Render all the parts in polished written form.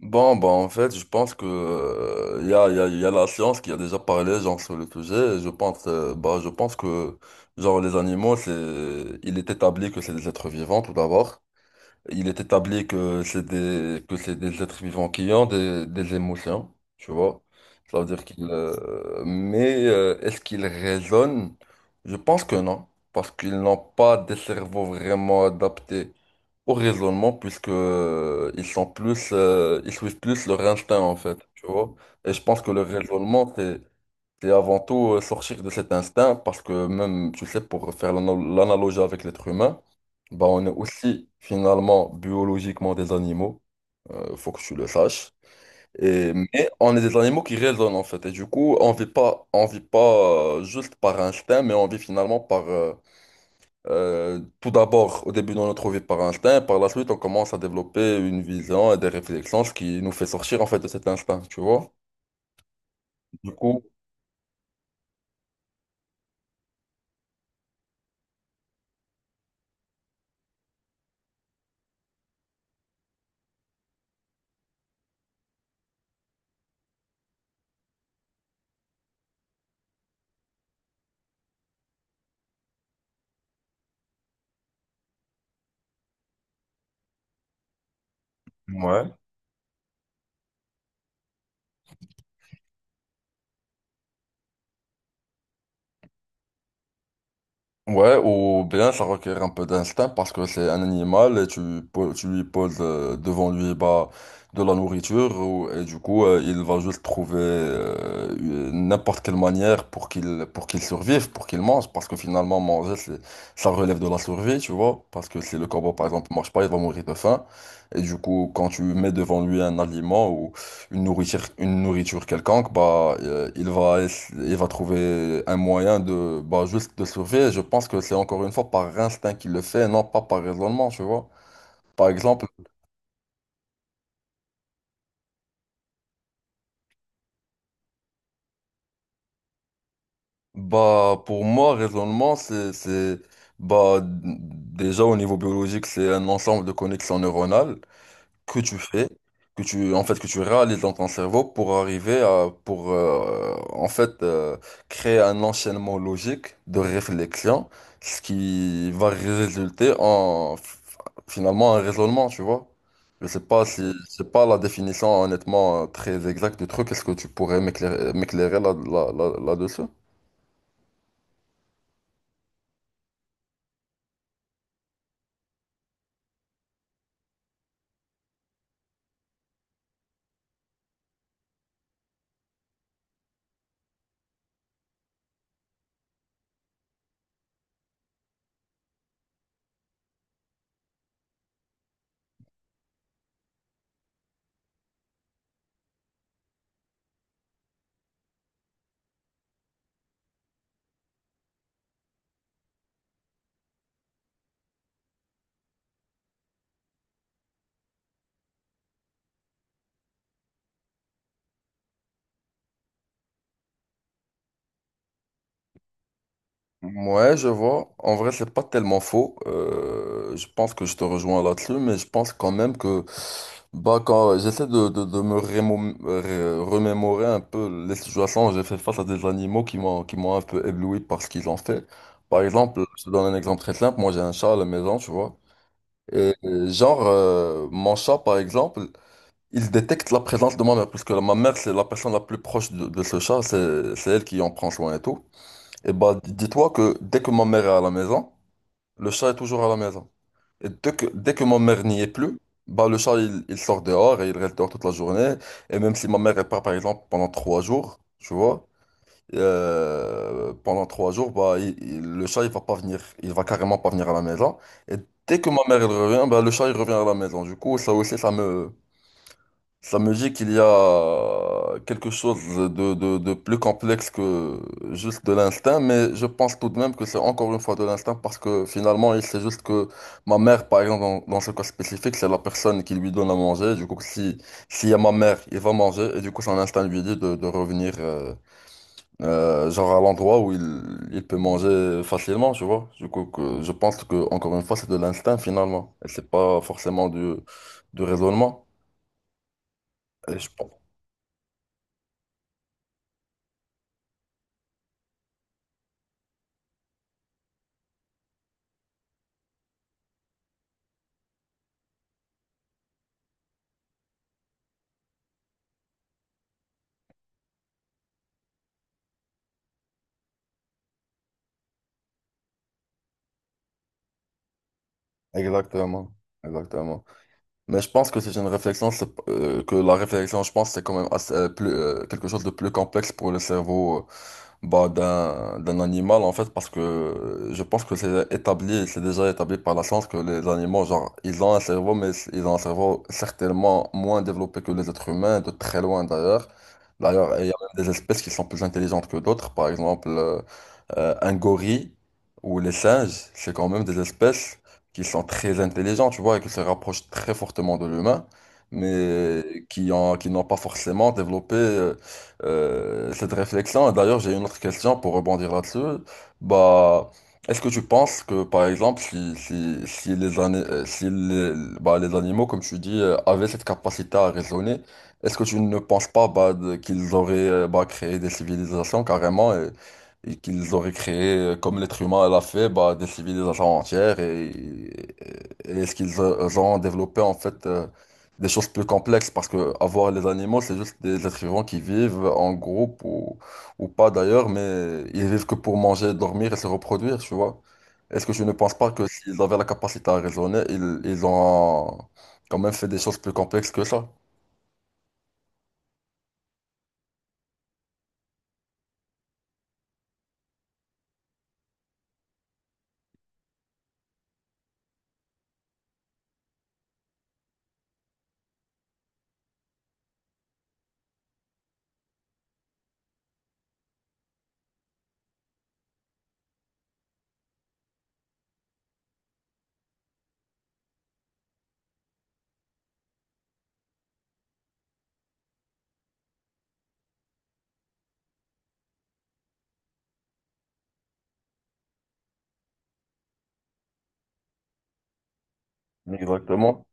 Bon, bah en fait, je pense que y a la science qui a déjà parlé genre sur le sujet. Et bah, je pense que genre les animaux, il est établi que c'est des êtres vivants tout d'abord. Il est établi que c'est des êtres vivants qui ont des émotions, tu vois. Ça veut dire qu'ils, mais est-ce qu'ils raisonnent? Je pense que non, parce qu'ils n'ont pas des cerveaux vraiment adaptés au raisonnement, puisque ils suivent plus leur instinct, en fait, tu vois. Et je pense que le raisonnement, c'est avant tout sortir de cet instinct parce que même, tu sais, pour faire l'analogie avec l'être humain, bah on est aussi finalement biologiquement des animaux, faut que tu le saches. Mais on est des animaux qui raisonnent en fait. Et du coup, on vit pas juste par instinct, mais on vit finalement tout d'abord, au début de notre vie par instinct, et par la suite, on commence à développer une vision et des réflexions, ce qui nous fait sortir en fait de cet instinct, tu vois? Du coup, ouais. Ouais, ou bien ça requiert un peu d'instinct parce que c'est un animal et tu lui poses devant lui bah, de la nourriture et du coup il va juste trouver n'importe quelle manière pour qu'il survive, pour qu'il mange parce que finalement manger ça relève de la survie, tu vois, parce que si le corbeau par exemple marche pas, il va mourir de faim et du coup quand tu mets devant lui un aliment une nourriture quelconque, bah, il va trouver un moyen bah, juste de survivre. Je pense que c'est encore une fois par instinct qu'il le fait, non pas par raisonnement, tu vois. Par exemple, bah, pour moi, raisonnement, c'est, bah, déjà au niveau biologique, c'est un ensemble de connexions neuronales. Que tu fais, en fait, que tu réalises dans ton cerveau pour arriver à, en fait, créer un enchaînement logique de réflexion, ce qui va résulter en, finalement, un raisonnement, tu vois. Je sais pas si, c'est pas la définition, honnêtement, très exacte du truc. Est-ce que tu pourrais m'éclairer là-dessus? Ouais, je vois. En vrai, c'est pas tellement faux. Je pense que je te rejoins là-dessus, mais je pense quand même que bah quand j'essaie de me remémorer un peu les situations où j'ai fait face à des animaux qui m'ont un peu ébloui par ce qu'ils ont fait. Par exemple, je te donne un exemple très simple. Moi, j'ai un chat à la maison, tu vois. Et genre, mon chat, par exemple, il détecte la présence de ma mère, puisque ma mère, c'est la personne la plus proche de ce chat. C'est elle qui en prend soin et tout. Et bah, dis-toi que dès que ma mère est à la maison, le chat est toujours à la maison. Et dès que ma mère n'y est plus, bah, le chat, il sort dehors et il reste dehors toute la journée. Et même si ma mère est pas, par exemple, pendant 3 jours, tu vois, pendant 3 jours, bah, le chat, il va pas venir. Il va carrément pas venir à la maison. Et dès que ma mère, elle revient, bah, le chat, il revient à la maison. Du coup, ça aussi, ça me, la musique, il y a quelque chose de plus complexe que juste de l'instinct, mais je pense tout de même que c'est encore une fois de l'instinct parce que finalement, il sait juste que ma mère, par exemple, dans ce cas spécifique, c'est la personne qui lui donne à manger. Du coup, si, s'il y a ma mère, il va manger et du coup, son instinct lui dit de revenir, genre à l'endroit où il peut manger facilement, tu vois. Du coup, je pense que, encore une fois, c'est de l'instinct finalement et c'est pas forcément du raisonnement. Et je pense Exactement, exactement. Mais je pense que c'est une réflexion, que la réflexion, je pense, c'est quand même assez, plus, quelque chose de plus complexe pour le cerveau bah, d'un animal, en fait, parce que je pense que c'est déjà établi par la science que les animaux, genre, ils ont un cerveau, mais ils ont un cerveau certainement moins développé que les êtres humains, de très loin d'ailleurs. D'ailleurs, il y a même des espèces qui sont plus intelligentes que d'autres, par exemple. Un gorille ou les singes, c'est quand même des espèces qui sont très intelligentes, tu vois, et qui se rapprochent très fortement de l'humain, mais qui n'ont pas forcément développé cette réflexion. Et d'ailleurs, j'ai une autre question pour rebondir là-dessus. Bah, est-ce que tu penses que, par exemple, si bah, les animaux, comme tu dis, avaient cette capacité à raisonner, est-ce que tu ne penses pas bah, qu'ils auraient créé des civilisations carrément? Et qu'ils auraient créé, comme l'être humain l'a fait, bah, des civilisations entières et est-ce qu'ils ont développé en fait des choses plus complexes parce que avoir les animaux, c'est juste des êtres vivants qui vivent en groupe ou pas d'ailleurs, mais ils vivent que pour manger, dormir et se reproduire, tu vois. Est-ce que je ne pense pas que s'ils avaient la capacité à raisonner, ils ont quand même fait des choses plus complexes que ça? Exactement.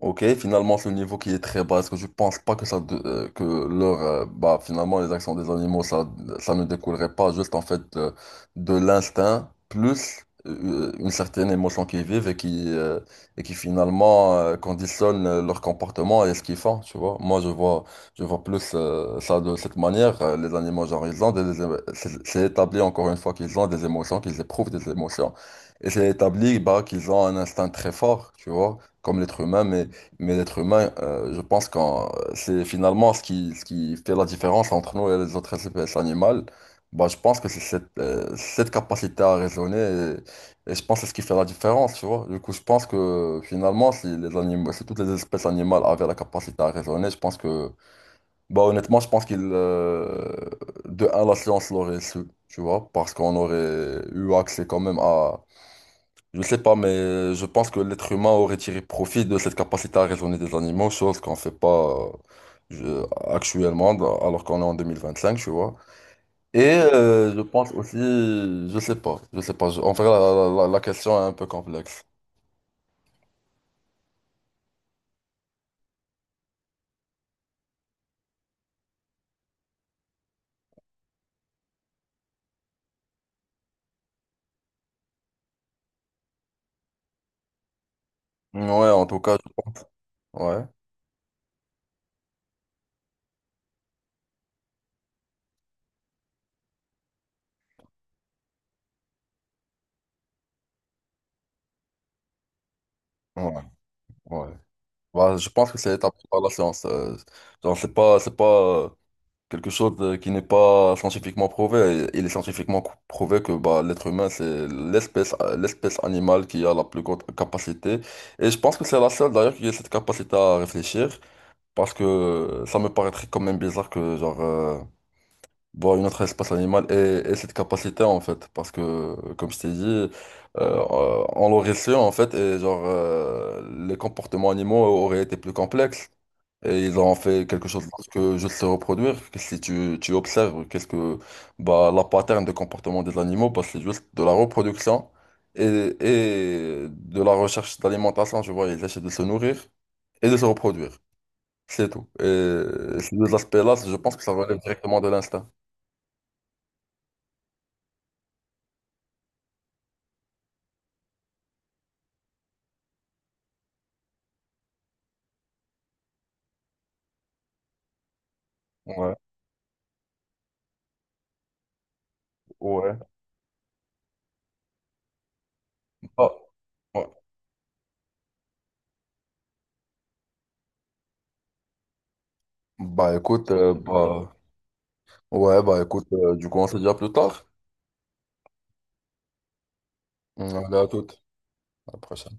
Ok, finalement, ce niveau qui est très bas, est-ce que je pense pas que ça, bah, finalement, les actions des animaux, ça ne découlerait pas juste, en fait, de l'instinct, plus une certaine émotion qu'ils vivent et et qui finalement, conditionne leur comportement et ce qu'ils font, tu vois. Moi, je vois plus, ça de cette manière. Les animaux, genre, ils ont des c'est établi, encore une fois, qu'ils ont des émotions, qu'ils éprouvent des émotions. Et c'est établi, bah, qu'ils ont un instinct très fort, tu vois, comme l'être humain, mais l'être humain, je pense que c'est finalement ce qui fait la différence entre nous et les autres espèces animales. Bah, je pense que c'est cette capacité à raisonner et je pense que c'est ce qui fait la différence, tu vois. Du coup, je pense que finalement, si toutes les espèces animales avaient la capacité à raisonner, je pense que, bah, honnêtement, je pense de un, la science l'aurait su, tu vois, parce qu'on aurait eu accès quand même à je sais pas, mais je pense que l'être humain aurait tiré profit de cette capacité à raisonner des animaux, chose qu'on fait pas je- actuellement, alors qu'on est en 2025, tu vois. Et je pense aussi, je sais pas, je sais pas, en fait, la question est un peu complexe. Ouais, en tout cas, ouais, ouais, ouais. Bah, je pense que c'est établi par la science. Genre, c'est pas, quelque chose qui n'est pas scientifiquement prouvé. Et il est scientifiquement prouvé que bah, l'être humain, c'est l'espèce animale qui a la plus grande capacité. Et je pense que c'est la seule d'ailleurs qui a cette capacité à réfléchir, parce que ça me paraîtrait quand même bizarre que une autre espèce animale ait cette capacité en fait. Parce que, comme je t'ai dit, on l'aurait su en fait, et les comportements animaux auraient été plus complexes. Et ils ont fait quelque chose parce que je sais reproduire. Si tu observes, qu'est-ce que bah, la pattern de comportement des animaux, bah, c'est juste de la reproduction et, et de la recherche d'alimentation. Tu vois, ils essaient de se nourrir et de se reproduire. C'est tout. Et ces deux aspects-là, je pense que ça relève directement de l'instinct. Ouais, ouais. Bah, ouais. Bah, écoute, bah, ouais, bah écoute, du coup, on se dit à plus tard. Allez, à toute. À la prochaine.